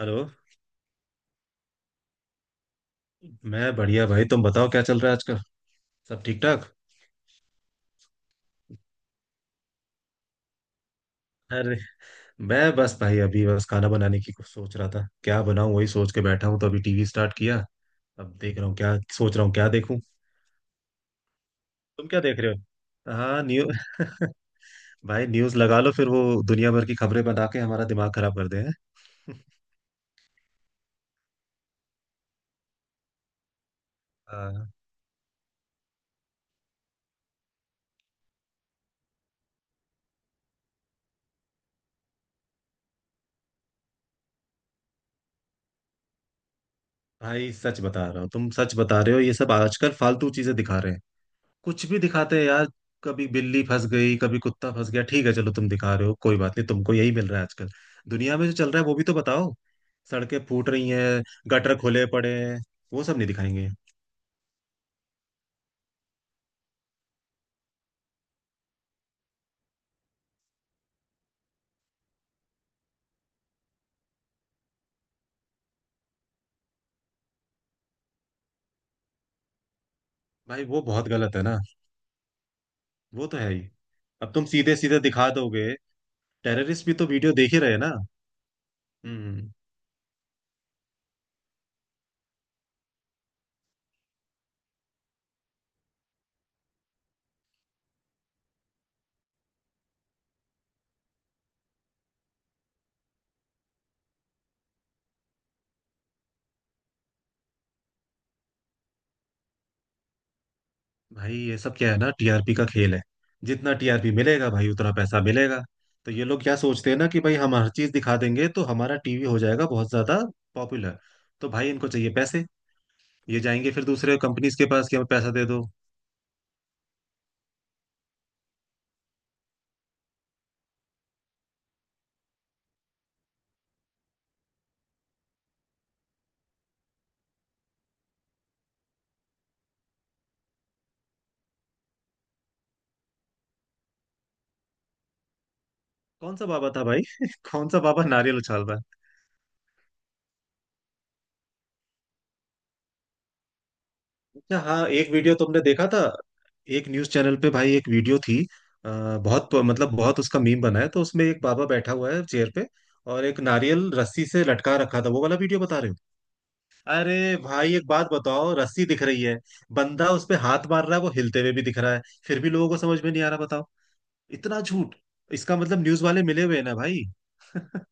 Hello. मैं बढ़िया भाई। तुम बताओ क्या चल रहा है आजकल। सब ठीक ठाक? अरे मैं बस भाई अभी बस खाना बनाने की कुछ सोच रहा था, क्या बनाऊं वही सोच के बैठा हूं, तो अभी टीवी स्टार्ट किया। अब देख रहा हूँ क्या सोच रहा हूँ क्या देखूं। तुम क्या देख रहे हो? हाँ न्यू भाई न्यूज लगा लो, फिर वो दुनिया भर की खबरें बना के हमारा दिमाग खराब कर दे हैं। हाँ। भाई सच बता रहा हूँ, तुम सच बता रहे हो, ये सब आजकल फालतू चीजें दिखा रहे हैं। कुछ भी दिखाते हैं यार। कभी बिल्ली फंस गई, कभी कुत्ता फंस गया, ठीक है चलो तुम दिखा रहे हो कोई बात नहीं, तुमको यही मिल रहा है आजकल। दुनिया में जो चल रहा है वो भी तो बताओ। सड़कें फूट रही हैं, गटर खुले पड़े हैं, वो सब नहीं दिखाएंगे। भाई वो बहुत गलत है ना, वो तो है ही। अब तुम सीधे सीधे दिखा दोगे, टेररिस्ट भी तो वीडियो देख ही रहे हैं ना। हम्म। भाई ये सब क्या है ना, टीआरपी का खेल है। जितना टीआरपी मिलेगा भाई, उतना पैसा मिलेगा। तो ये लोग क्या सोचते हैं ना कि भाई हम हर चीज दिखा देंगे तो हमारा टीवी हो जाएगा बहुत ज्यादा पॉपुलर। तो भाई इनको चाहिए पैसे, ये जाएंगे फिर दूसरे कंपनीज के पास कि हमें पैसा दे दो। कौन सा बाबा था भाई? कौन सा बाबा नारियल उछाल रहा है? अच्छा हाँ, एक वीडियो तुमने देखा था, एक न्यूज चैनल पे भाई एक वीडियो थी। अ, बहुत मतलब बहुत उसका मीम बना है, तो उसमें एक बाबा बैठा हुआ है चेयर पे, और एक नारियल रस्सी से लटका रखा था, वो वाला वीडियो बता रहे हो? अरे भाई एक बात बताओ, रस्सी दिख रही है, बंदा उस पे हाथ मार रहा है, वो हिलते हुए भी दिख रहा है, फिर भी लोगों को समझ में नहीं आ रहा, बताओ। इतना झूठ। इसका मतलब न्यूज वाले मिले हुए हैं ना भाई।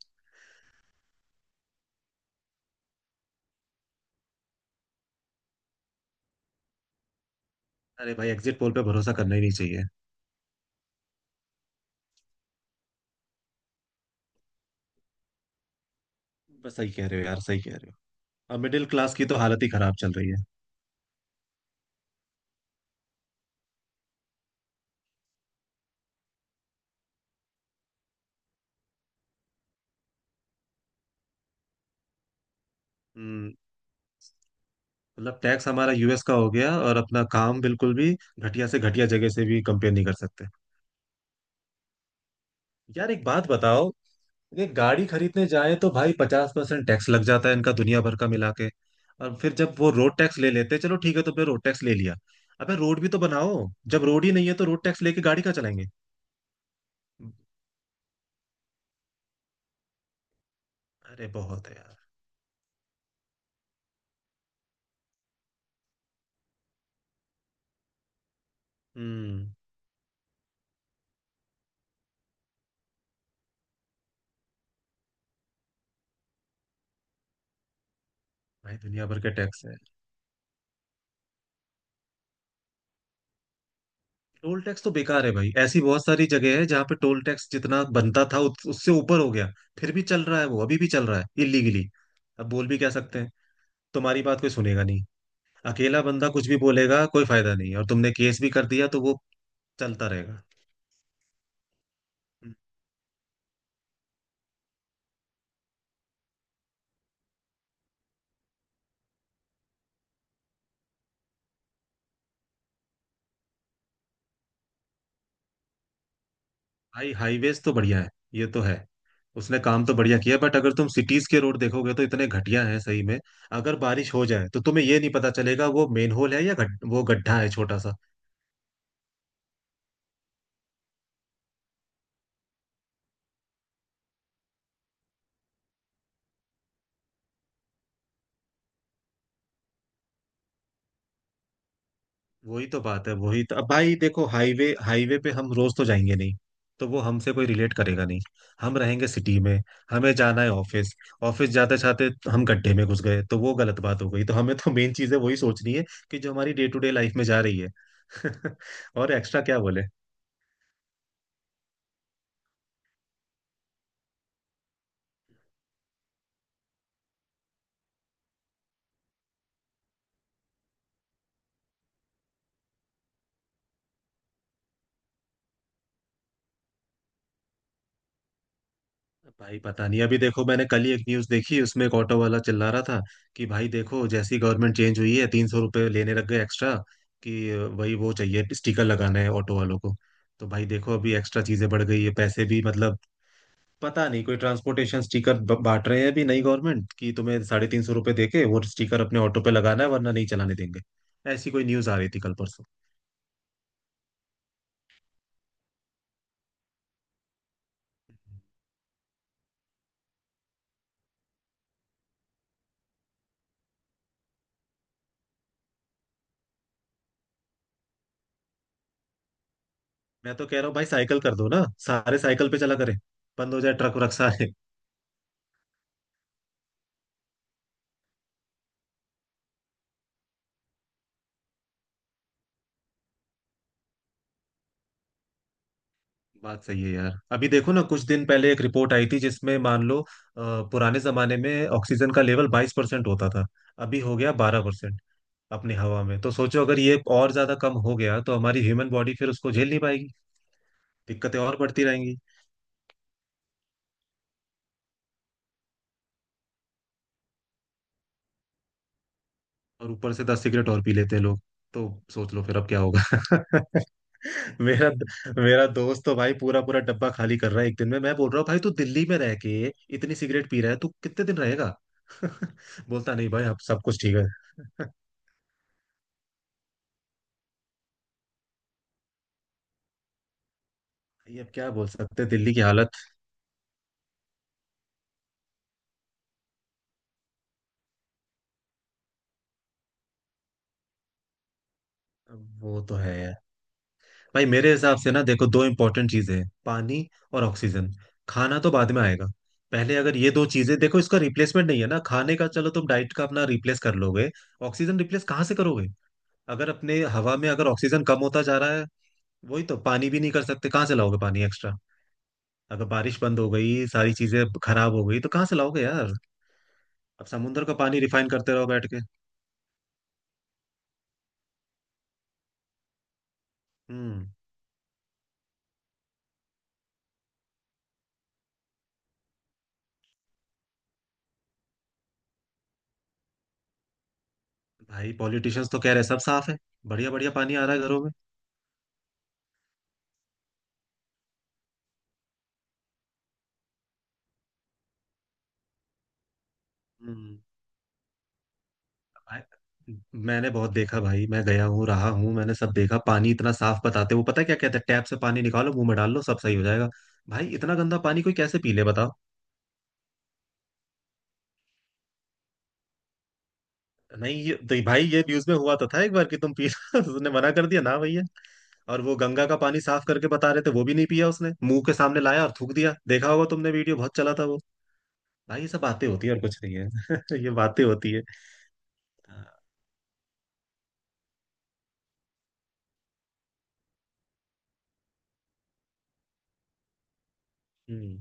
अरे भाई एग्जिट पोल पे भरोसा करना ही नहीं चाहिए। बस सही कह रहे हो यार, सही कह रहे हो। अब मिडिल क्लास की तो हालत ही खराब चल रही है। हम्म। मतलब टैक्स हमारा यूएस का हो गया, और अपना काम बिल्कुल भी घटिया से घटिया जगह से भी कंपेयर नहीं कर सकते। यार एक बात बताओ, ये गाड़ी खरीदने जाए तो भाई 50% टैक्स लग जाता है, इनका दुनिया भर का मिला के। और फिर जब वो रोड टैक्स ले लेते हैं, चलो ठीक है, तो फिर रोड टैक्स ले लिया। अबे रोड भी तो बनाओ। जब रोड ही नहीं है तो रोड टैक्स लेके गाड़ी का चलाएंगे? अरे बहुत है यार। हम्म। भाई दुनिया भर के टैक्स है। टोल टैक्स तो बेकार है भाई, ऐसी बहुत सारी जगह है जहाँ पे टोल टैक्स जितना बनता था उससे ऊपर हो गया। फिर भी चल रहा है, वो अभी भी चल रहा है इलीगली। अब बोल भी क्या सकते हैं। तुम्हारी बात कोई सुनेगा नहीं। अकेला बंदा कुछ भी बोलेगा कोई फायदा नहीं, और तुमने केस भी कर दिया तो वो चलता रहेगा। भाई हाईवेज तो बढ़िया है, ये तो है। उसने काम तो बढ़िया किया, बट अगर तुम सिटीज के रोड देखोगे तो इतने घटिया हैं सही में। अगर बारिश हो जाए तो तुम्हें ये नहीं पता चलेगा वो मेन होल है या वो गड्ढा है छोटा सा। वही तो बात है, वही तो। अब भाई देखो हाईवे हाईवे पे हम रोज तो जाएंगे नहीं, तो वो हमसे कोई रिलेट करेगा नहीं। हम रहेंगे सिटी में, हमें जाना है ऑफिस। ऑफिस जाते जाते हम गड्ढे में घुस गए तो वो गलत बात हो गई, तो हमें तो मेन चीज है वही सोचनी है, कि जो हमारी डे टू डे लाइफ में जा रही है। और एक्स्ट्रा क्या बोले। भाई पता नहीं, अभी देखो मैंने कल ही एक न्यूज देखी, उसमें एक ऑटो वाला चिल्ला रहा था कि भाई देखो जैसी गवर्नमेंट चेंज हुई है, 300 रुपये लेने लग गए एक्स्ट्रा। कि वही वो चाहिए स्टिकर लगाना है ऑटो वालों को। तो भाई देखो अभी एक्स्ट्रा चीजें बढ़ गई है, पैसे भी मतलब। पता नहीं कोई ट्रांसपोर्टेशन स्टिकर बांट रहे हैं अभी नई गवर्नमेंट, कि तुम्हें 350 रुपये देके वो स्टिकर अपने ऑटो पे लगाना है, वरना नहीं चलाने देंगे। ऐसी कोई न्यूज आ रही थी कल परसों। मैं तो कह रहा हूँ भाई साइकिल कर दो ना, सारे साइकिल पे चला करें। बंद हो जाए ट्रक व्रक सारे। बात सही है यार। अभी देखो ना कुछ दिन पहले एक रिपोर्ट आई थी जिसमें मान लो पुराने जमाने में ऑक्सीजन का लेवल 22% होता था, अभी हो गया 12%। अपनी हवा में, तो सोचो अगर ये और ज्यादा कम हो गया तो हमारी ह्यूमन बॉडी फिर उसको झेल नहीं पाएगी। दिक्कतें और बढ़ती रहेंगी। और ऊपर से 10 सिगरेट और पी लेते हैं लोग, तो सोच लो फिर अब क्या होगा। मेरा मेरा दोस्त तो भाई पूरा पूरा डब्बा खाली कर रहा है एक दिन में। मैं बोल रहा हूँ भाई तू दिल्ली में रह के इतनी सिगरेट पी रहा है, तू कितने दिन रहेगा। बोलता नहीं भाई, अब सब कुछ ठीक है। ये अब क्या बोल सकते हैं, दिल्ली की हालत। वो तो है। भाई मेरे हिसाब से ना देखो दो इंपॉर्टेंट चीजें हैं, पानी और ऑक्सीजन। खाना तो बाद में आएगा, पहले अगर ये दो चीजें देखो, इसका रिप्लेसमेंट नहीं है ना। खाने का चलो तुम डाइट का अपना रिप्लेस कर लोगे, ऑक्सीजन रिप्लेस कहाँ से करोगे? अगर अपने हवा में अगर ऑक्सीजन कम होता जा रहा है। वही तो, पानी भी नहीं कर सकते, कहाँ से लाओगे पानी एक्स्ट्रा। अगर बारिश बंद हो गई, सारी चीजें खराब हो गई, तो कहाँ से लाओगे यार। अब समुद्र का पानी रिफाइन करते रहो बैठ के। हम्म। भाई पॉलिटिशियंस तो कह रहे हैं सब साफ है, बढ़िया बढ़िया पानी आ रहा है घरों में। हम्म। भाई, मैंने बहुत देखा भाई, मैं गया हूँ रहा हूँ, मैंने सब देखा। पानी इतना साफ बताते, वो पता है क्या कहते हैं, टैप से पानी निकालो मुंह में डाल लो सब सही हो जाएगा। भाई इतना गंदा पानी कोई कैसे पी ले बताओ। नहीं ये तो भाई ये न्यूज में हुआ तो था एक बार, कि तुम पी उसने मना कर दिया ना भैया। और वो गंगा का पानी साफ करके बता रहे थे, वो भी नहीं पिया उसने, मुंह के सामने लाया और थूक दिया, देखा होगा तुमने, वीडियो बहुत चला था वो। भाई ये सब बातें होती है और कुछ नहीं है। ये बातें होती है। हाँ। हम्म।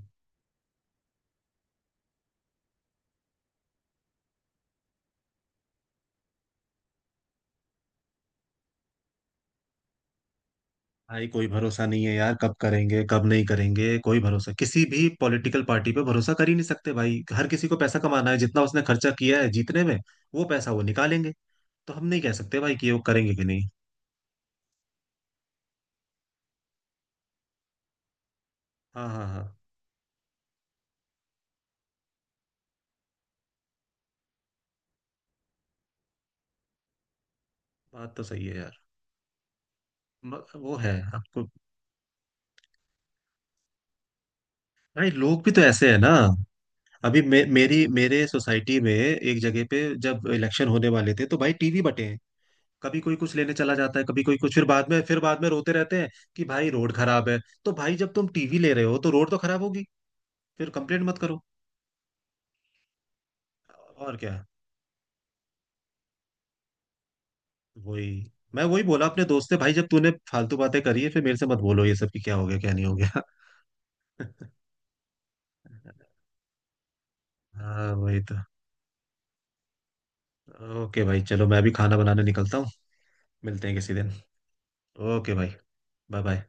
भाई कोई भरोसा नहीं है यार, कब करेंगे कब नहीं करेंगे कोई भरोसा, किसी भी पॉलिटिकल पार्टी पे भरोसा कर ही नहीं सकते भाई। हर किसी को पैसा कमाना है, जितना उसने खर्चा किया है जीतने में वो पैसा वो निकालेंगे। तो हम नहीं कह सकते भाई कि वो करेंगे कि नहीं। हाँ हाँ हाँ। बात तो सही है यार। वो है आपको। भाई लोग भी तो ऐसे है ना। अभी मे, मेरी मेरे सोसाइटी में एक जगह पे जब इलेक्शन होने वाले थे, तो भाई टीवी बटे। कभी कोई कुछ लेने चला जाता है कभी कोई कुछ, फिर बाद में रोते रहते हैं कि भाई रोड खराब है। तो भाई जब तुम टीवी ले रहे हो तो रोड तो खराब होगी, फिर कंप्लेंट मत करो। और क्या। वही, मैं वही बोला अपने दोस्त से, भाई जब तूने फालतू बातें करी है फिर मेरे से मत बोलो ये सब कि क्या हो गया क्या नहीं हो गया। हाँ वही तो। ओके भाई चलो मैं भी खाना बनाने निकलता हूँ। मिलते हैं किसी दिन। ओके भाई, बाय बाय।